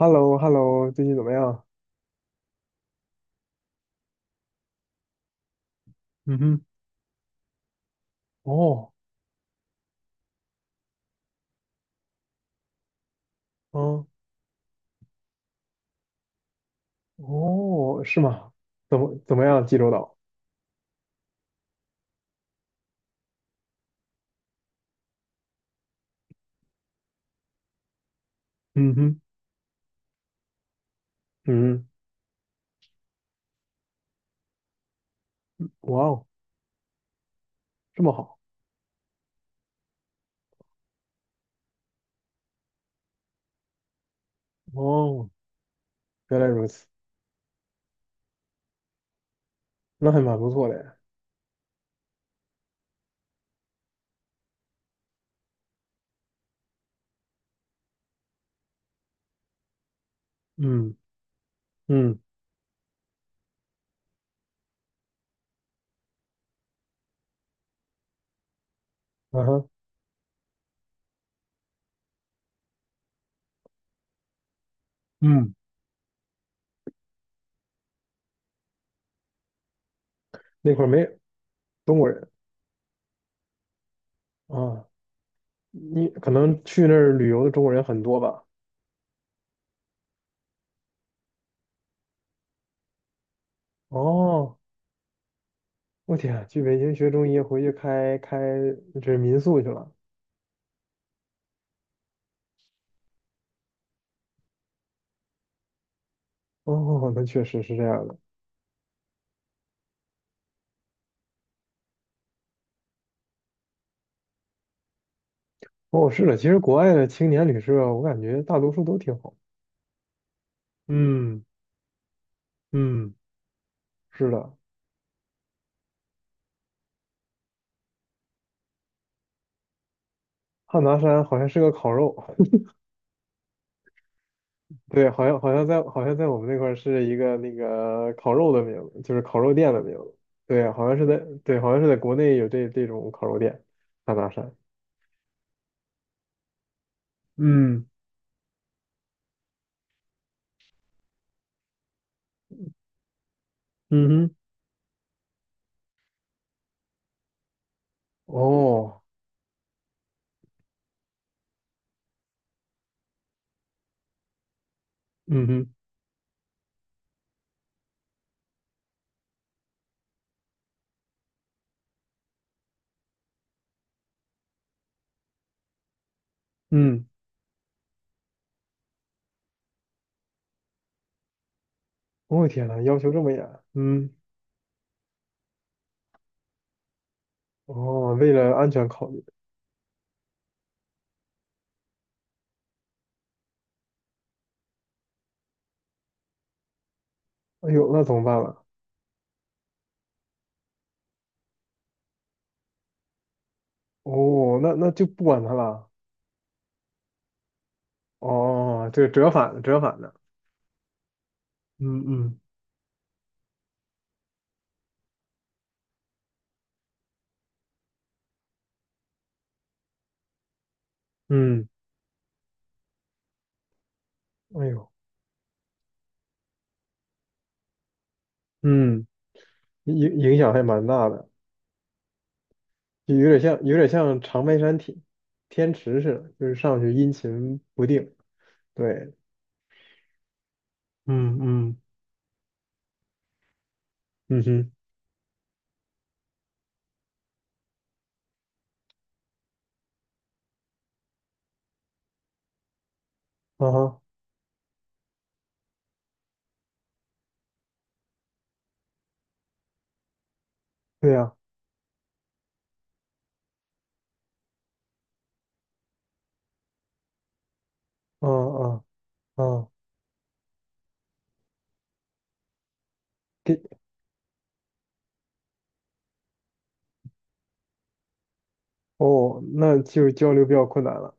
hello hello 最近怎么样？嗯哼，哦，嗯，哦，是吗？怎么样？济州岛？嗯哼，嗯，哇哦，这么好？哦，原来如此，那还蛮不错的。嗯嗯，啊哈，嗯，那块儿没中国人啊，你可能去那儿旅游的中国人很多吧？哦，我天啊，去北京学中医，回去开这民宿去了。哦 那确实是这样的。哦，是的，其实国外的青年旅社，我感觉大多数都挺好。嗯嗯，是的，汉拿山好像是个烤肉，对，好像好像在好像在我们那块儿是一个那个烤肉的名字，就是烤肉店的名字。对，好像是在对，好像是在国内有这种烤肉店，汉拿山。嗯嗯哼，哦，嗯哼，嗯我、天呐，要求这么严。嗯，哦，为了安全考虑，哎呦，那怎么办了？哦，那就不管他了。哦，这个折返折返的，嗯嗯，嗯，哎呦，嗯，影响还蛮大的，就有点像长白山天池似的，就是上去阴晴不定。对，嗯嗯，嗯哼，啊哈，对呀，啊啊啊，给哦，那就交流比较困难了。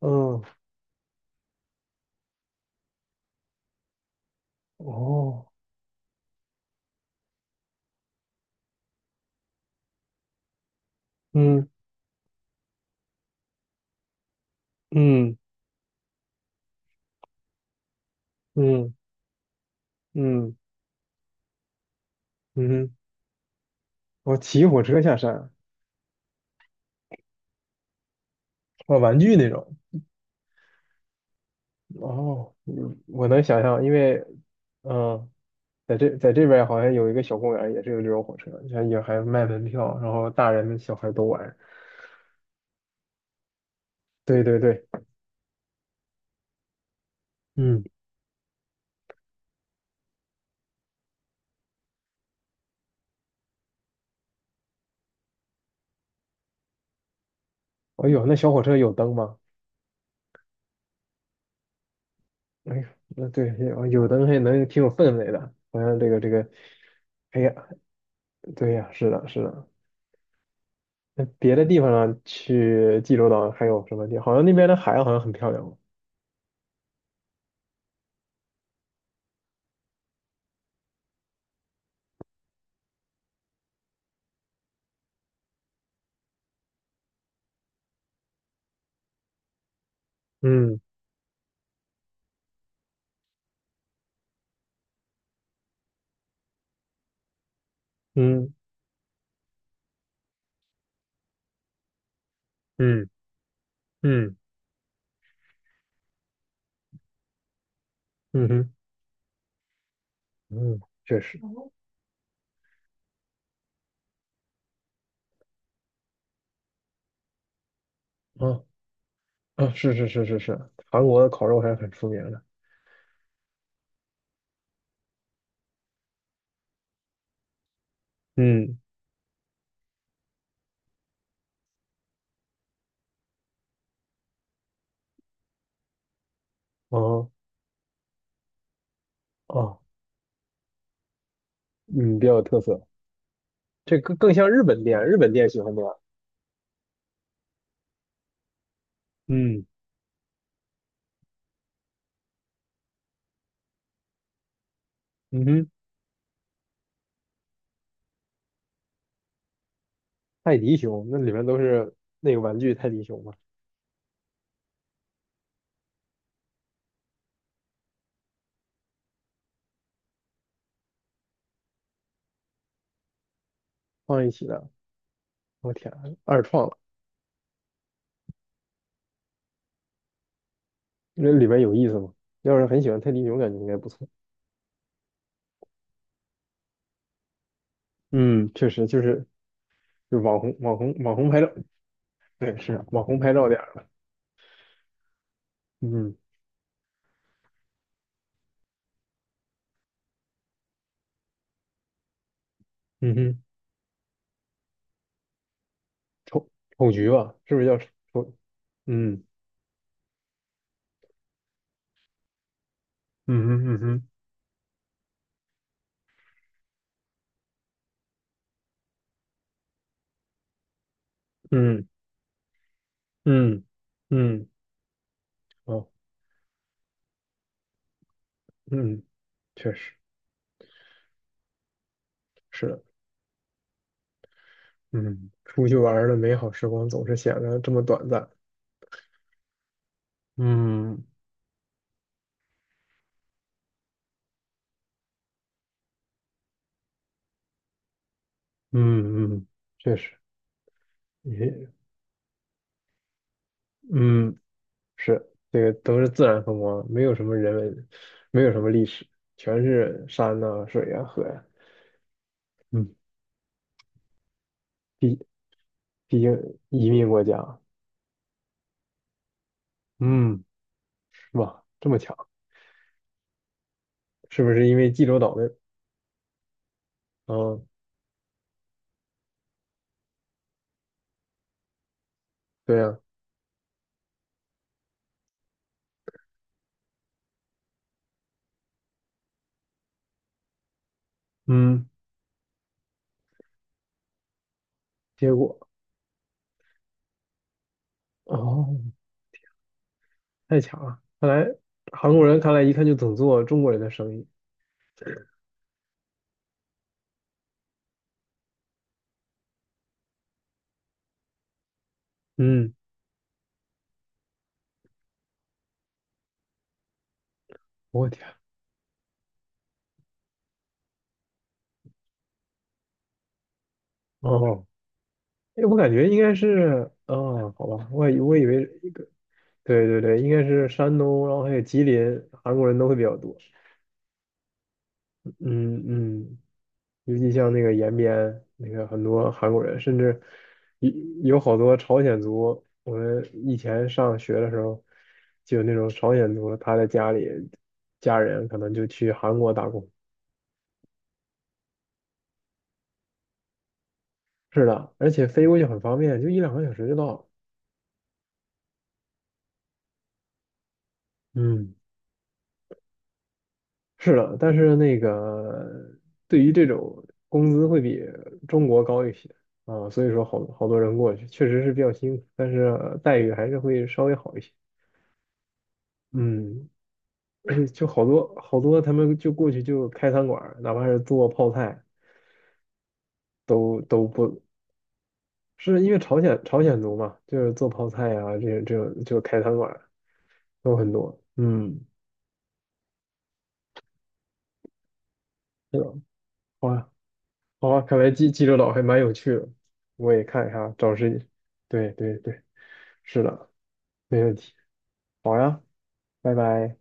嗯，哦，嗯嗯嗯嗯嗯哼，我骑火车下山，啊，玩具那种。哦，嗯我能想象，因为，嗯，在这边儿好像有一个小公园儿也是有这种火车，像也还卖门票，然后大人小孩都玩。对对对，嗯，哎呦，那小火车有灯吗？哎呦，那对，有灯还能挺有氛围的，好像这个，哎呀，对呀，是的，是的。那别的地方呢？去济州岛还有什么地？好像那边的海好像很漂亮哦。嗯嗯嗯嗯嗯哼嗯，确实。啊。啊，是是是是是，韩国的烤肉还是很出名的。嗯，哦哦，嗯，比较有特色。这更像日本店，日本店喜欢那样。嗯嗯哼，泰迪熊那里面都是那个玩具泰迪熊嘛，放一起的。我天，二创了，那里面有意思吗？要是很喜欢泰迪熊，感觉应该不错。嗯确实，就是网红拍照，对，是啊网红拍照点儿了。嗯嗯哼，丑丑橘吧，是不是叫丑？嗯嗯哼嗯哼嗯嗯嗯。哦，嗯，确实是的，嗯，出去玩儿的美好时光总是显得这么短暂。嗯嗯嗯，确实，也嗯是这个都是自然风光，没有什么人文，没有什么历史，全是山呐、水呀、河呀。嗯，毕毕竟移民国家，嗯，是吧？这么强，是不是因为济州岛的？哦，对呀、嗯，结果哦。太强了！看来韩国人看来一看就懂做中国人的生意。嗯，我天，哦，哎，我感觉应该是，哦，好吧，我以为一个，对对对，应该是山东，然后还有吉林，韩国人都会比较多。嗯嗯，尤其像那个延边，那个很多韩国人，甚至有有好多朝鲜族。我们以前上学的时候，就有那种朝鲜族，他在家里家人可能就去韩国打工，是的，而且飞过去很方便，就一两个小时就到了。嗯，是的，但是那个对于这种工资会比中国高一些啊，所以说好多人过去，确实是比较辛苦，但是待遇还是会稍微好一些。嗯，而且就好多好多他们就过去就开餐馆儿，哪怕是做泡菜都不是因为朝鲜族嘛，就是做泡菜啊这种就开餐馆儿都很多。嗯，是的，哇好啊，看来济州岛还蛮有趣的，我也看一下，找时，对对对，是的，没问题。好呀，拜拜。